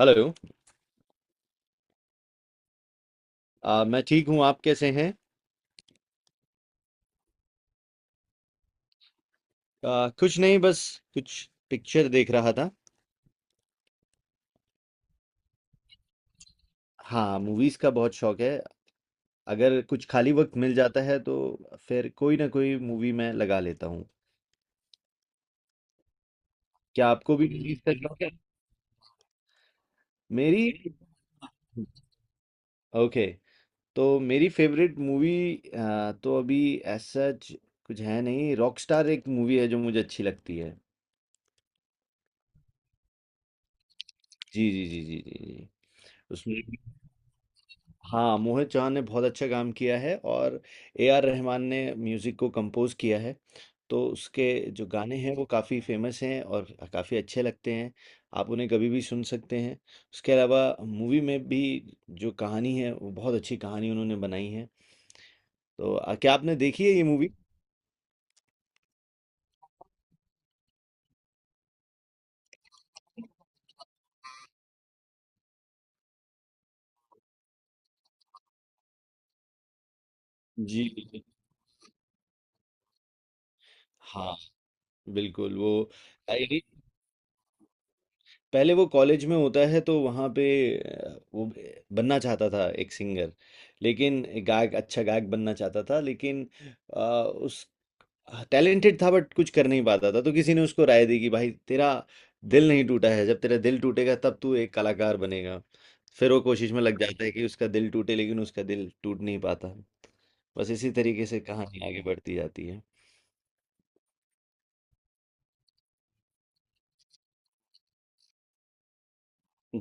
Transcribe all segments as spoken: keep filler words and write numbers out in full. Hello. अ, मैं ठीक हूँ। आप कैसे हैं? अ, कुछ नहीं, बस कुछ पिक्चर देख रहा था। हाँ, मूवीज का बहुत शौक है। अगर कुछ खाली वक्त मिल जाता है तो फिर कोई ना कोई मूवी मैं लगा लेता हूँ। क्या आपको भी मूवीज का शौक है? मेरी। ओके। तो मेरी फेवरेट मूवी। तो अभी ऐसा ज- कुछ है नहीं। रॉकस्टार एक मूवी है जो मुझे अच्छी लगती है। जी, जी, जी, जी, जी, जी। उसमें, हाँ मोहित चौहान ने बहुत अच्छा काम किया है। और ए आर रहमान ने म्यूज़िक को कंपोज किया है। तो उसके जो गाने हैं वो काफ़ी फेमस हैं और काफ़ी अच्छे लगते हैं। आप उन्हें कभी भी सुन सकते हैं। उसके अलावा मूवी में भी जो कहानी है वो बहुत अच्छी कहानी उन्होंने बनाई है। तो आ, क्या आपने देखी है ये मूवी? जी बिल्कुल। हाँ बिल्कुल। वो पहले वो कॉलेज में होता है तो वहाँ पे अ, वो ब- बनना चाहता था एक सिंगर। लेकिन एक गायक, अच्छा गायक बनना चाहता था, लेकिन अ, उस टैलेंटेड था बट कुछ कर नहीं पाता था। तो किसी ने उसको राय दी कि भाई तेरा दिल नहीं टूटा है, जब तेरा दिल टूटेगा तब तू एक कलाकार बनेगा। फिर वो कोशिश में लग जाता है कि उसका दिल टूटे, लेकिन उसका दिल टूट नहीं पाता। बस इसी तरीके से कहानी आगे बढ़ती जाती है।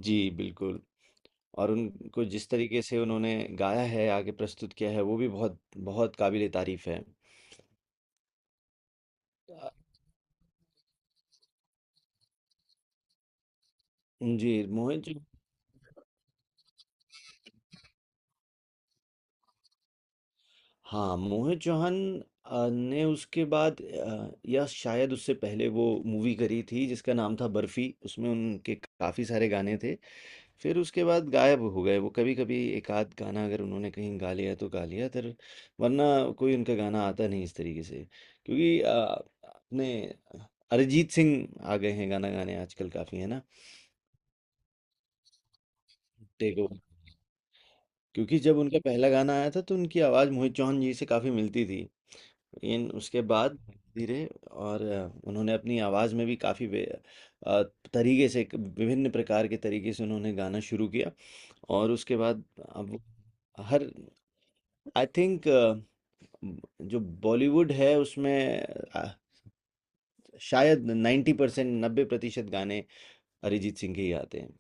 जी बिल्कुल। और उनको जिस तरीके से उन्होंने गाया है, आगे प्रस्तुत किया है, वो भी बहुत बहुत काबिले तारीफ है। अ, जी। मोहित, हाँ मोहित चौहान अ, ने उसके बाद, अ, या शायद उससे पहले, वो मूवी करी थी जिसका नाम था बर्फी। उसमें उनके काफ़ी सारे गाने थे। फिर उसके बाद गायब हो गए। वो कभी कभी एक आध गाना अगर उन्होंने कहीं गा लिया तो गा लिया, तर वरना कोई उनका गाना आता नहीं इस तरीके से। क्योंकि अ, अपने अरिजीत सिंह आ गए हैं गाना गाने आजकल काफ़ी, है ना। Take over. क्योंकि जब उनका पहला गाना आया था तो उनकी आवाज़ मोहित चौहान जी से काफ़ी मिलती थी। लेकिन उसके बाद धीरे और अ, उन्होंने अपनी आवाज़ में भी काफ़ी तरीके से, एक विभिन्न प्रकार के तरीके से उन्होंने गाना शुरू किया। और उसके बाद अब वो हर, आई थिंक, जो बॉलीवुड है उसमें अ, शायद नाइन्टी परसेंट, नब्बे प्रतिशत गाने अरिजीत सिंह के ही आते हैं।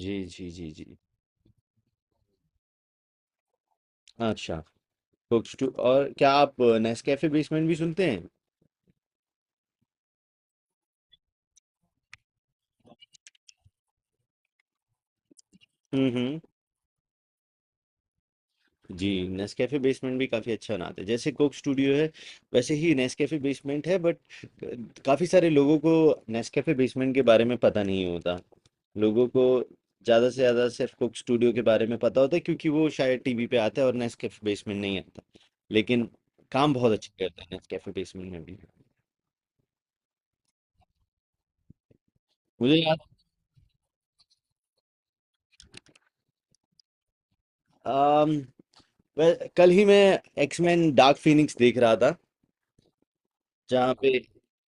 जी, जी, जी, जी। अच्छा। कोक स्टू, और क्या आप नेस्कैफे बेसमेंट भी सुनते हैं? हम्म। जी, नेस्कैफ़े बेसमेंट भी काफ़ी अच्छा बनाते हैं। जैसे कोक स्टूडियो है, वैसे ही नेस्कैफ़े बेसमेंट है, बट क काफ़ी सारे लोगों को नेस्कैफ़े बेसमेंट के बारे में पता नहीं होता। लोगों को ज़्यादा से ज़्यादा सिर्फ़ कोक स्टूडियो के बारे में पता होता है, क्योंकि वो शायद टीवी पे आता है और नेस्कैफ़े बेसमेंट नहीं आता। लेकिन काम बहुत अच्छा करता है नेस्कैफ़े बेसमेंट में भी। मुझे याद, अम, व कल ही मैं एक्समेन डार्क फीनिक्स देख रहा था, जहाँ पे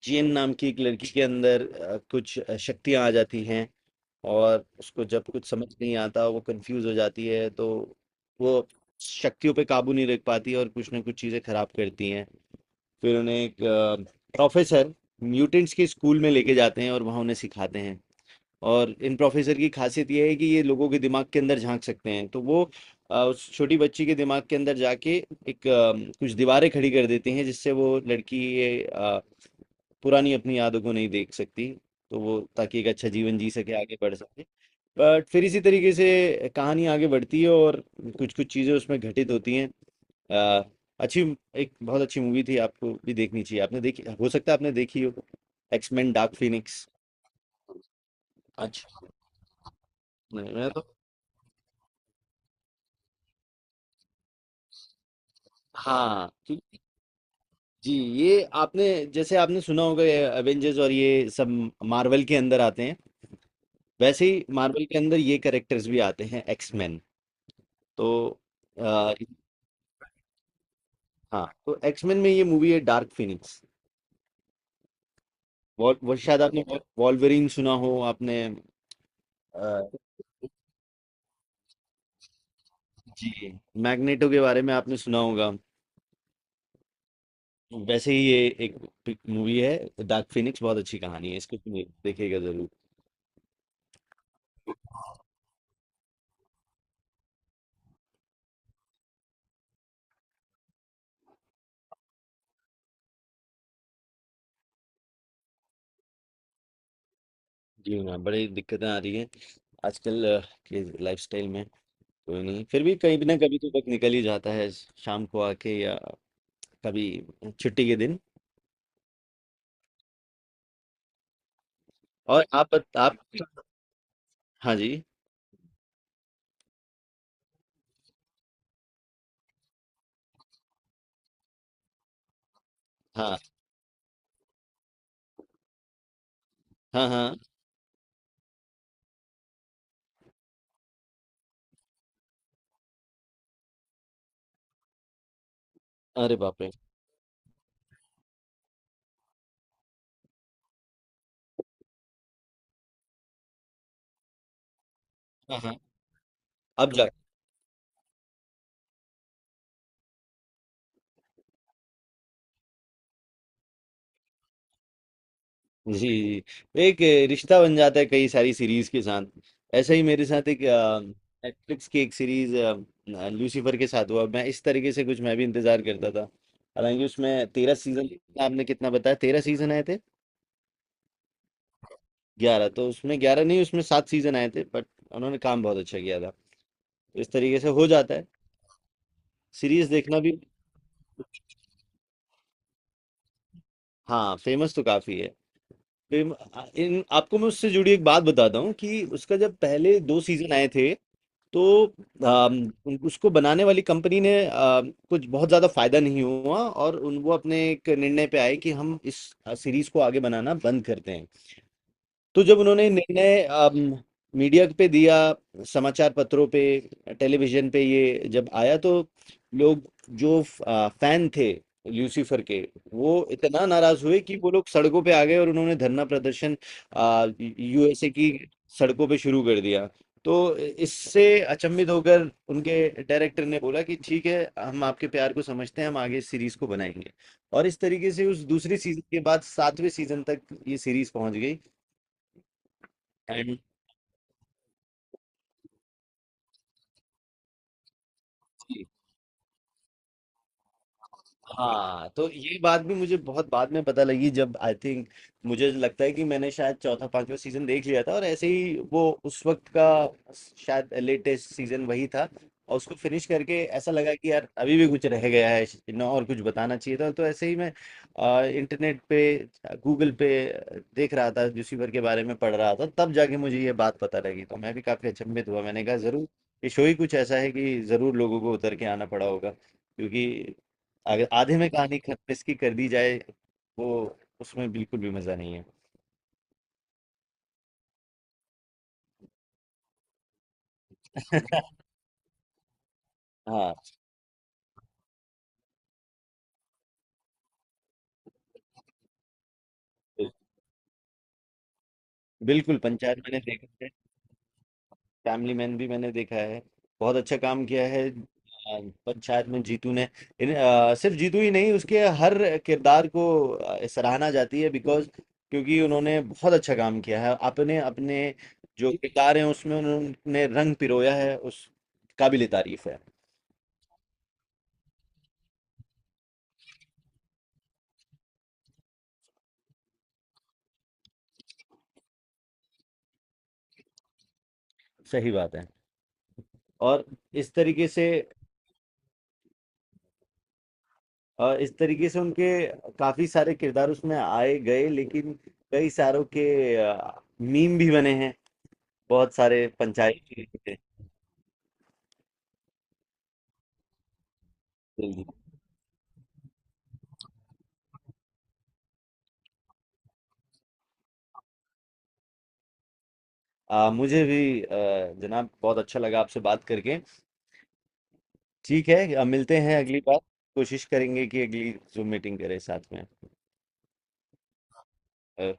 जीएन नाम की एक लड़की के अंदर अ, कुछ शक्तियाँ आ जाती हैं। और उसको जब कुछ समझ नहीं आता, वो कंफ्यूज हो जाती है, तो वो शक्तियों पे काबू नहीं रख पाती और कुछ ना कुछ चीज़ें खराब करती हैं। फिर उन्हें एक प्रोफेसर म्यूटेंट्स के स्कूल में लेके जाते हैं और वहाँ उन्हें सिखाते हैं। और इन प्रोफेसर की खासियत ये है कि ये लोगों के दिमाग के अंदर झांक सकते हैं। तो वो अ, उस छोटी बच्ची के दिमाग के अंदर जाके एक, अ, कुछ दीवारें खड़ी कर देते हैं जिससे वो लड़की ये अ, पुरानी अपनी यादों को नहीं देख सकती, तो वो, ताकि एक अच्छा जीवन जी सके, आगे बढ़ सके। बट फिर इसी तरीके से कहानी आगे बढ़ती है और कुछ कुछ चीज़ें उसमें घटित होती हैं। अ, अच्छी, एक बहुत अच्छी मूवी थी। आपको भी देखनी चाहिए, आपने देखी हो सकता है, आपने देखी हो। X Men Dark Phoenix. अच्छा। नहीं, मैं तो। हाँ। ठीक- जी। ये आपने, जैसे आपने सुना होगा, ये एवेंजर्स और ये सब मार्वल के अंदर आते हैं। वैसे ही मार्वल के अंदर ये कैरेक्टर्स भी आते हैं, एक्समैन। तो आ, हाँ, तो एक्समैन में ये मूवी है डार्क फिनिक्स। वॉल वो शायद आपने वॉल्वरिन सुना हो आपने। अ, जी। मैग्नेटो के बारे में आपने सुना होगा। वैसे ही ये एक मूवी है डार्क फिनिक्स। बहुत अच्छी कहानी है, इसको सुनिए, देखिएगा जरूर। जी ना, बड़ी दिक्कतें आ रही है आजकल अ, के लाइफस्टाइल में। कोई नहीं, फिर भी कहीं ना कभी तो वक्त निकल ही जाता है, शाम को आके या कभी छुट्टी के दिन। और आप आप। हाँ जी। हाँ, हाँ, हाँ। अरे बाप रे। हाँ, हाँ। अब जाके। जी। एक रिश्ता बन जाता है कई सारी सीरीज के साथ। ऐसा ही मेरे साथ एक नेटफ्लिक्स की एक सीरीज लूसीफर के साथ हुआ, मैं इस तरीके से कुछ, मैं भी इंतजार करता था। हालांकि उसमें तेरह सीजन, आपने कितना बताया, तेरह सीजन आए थे? ग्यारह? तो उसमें ग्यारह नहीं, उसमें सात सीजन आए थे, बट उन्होंने काम बहुत अच्छा किया था। तो इस तरीके से हो जाता है सीरीज देखना भी। हाँ, फेमस तो काफी है। फेम, इन आपको मैं उससे जुड़ी एक बात बताता हूँ कि उसका जब पहले दो सीजन आए थे तो अम, उन- उसको बनाने वाली कंपनी ने, अ, कुछ बहुत ज़्यादा फायदा नहीं हुआ और उन वो अपने एक निर्णय पे आए कि हम इस सीरीज को आगे बनाना बंद करते हैं। तो जब उन्होंने निर्णय अम, मीडिया पे दिया, समाचार पत्रों पे, टेलीविजन पे ये जब आया, तो लोग जो आ, फैन थे ल्यूसीफर के, वो इतना नाराज हुए कि वो लोग सड़कों पे आ गए और उन्होंने धरना प्रदर्शन आ, यूएसए की सड़कों पे शुरू कर दिया। तो इससे अचंभित होकर उनके डायरेक्टर ने बोला कि ठीक है, हम आपके प्यार को समझते हैं, हम आगे इस सीरीज को बनाएंगे। और इस तरीके से उस दूसरी सीजन के बाद सातवें सीजन तक ये सीरीज पहुंच गई। हाँ, तो ये बात भी मुझे बहुत बाद में पता लगी, जब, आई थिंक, मुझे लगता है कि मैंने शायद चौथा पांचवा सीजन देख लिया था और ऐसे ही वो उस वक्त का शायद लेटेस्ट सीजन वही था। और उसको फिनिश करके ऐसा लगा कि यार अभी भी कुछ रह गया है ना, और कुछ बताना चाहिए था। तो ऐसे ही मैं इंटरनेट पे, गूगल पे देख रहा था, लूसीफर के बारे में पढ़ रहा था, तब जाके मुझे ये बात पता लगी। तो मैं भी काफी अचंभित हुआ, मैंने कहा जरूर ये शो ही कुछ ऐसा है कि जरूर लोगों को उतर के आना पड़ा होगा, क्योंकि अगर आधे में कहानी खत्म इसकी कर दी जाए, वो, उसमें बिल्कुल भी मजा नहीं है। हाँ, तो बिल्कुल, पंचायत मैंने देखा है, फैमिली मैन भी मैंने देखा है। बहुत अच्छा काम किया है, आ, पंचायत में जीतू ने। इन, आ, सिर्फ जीतू ही नहीं, उसके हर किरदार को आ, सराहना जाती है, बिकॉज क्योंकि उन्होंने बहुत अच्छा काम किया है अपने अपने जो किरदार हैं उसमें उन्होंने रंग पिरोया है उस, काबिले तारीफ है। सही बात है। और इस तरीके से, अ, इस तरीके से उनके काफ़ी सारे किरदार उसमें आए गए लेकिन कई सारों के अ, मीम भी बने हैं, बहुत सारे पंचायत के लिए। जी, जी। अ, मुझे भी, अ, जनाब, बहुत अच्छा लगा आपसे बात करके। ठीक है, अ, मिलते हैं अगली बार, कोशिश करेंगे कि अगली ज़ूम मीटिंग करें साथ में। अ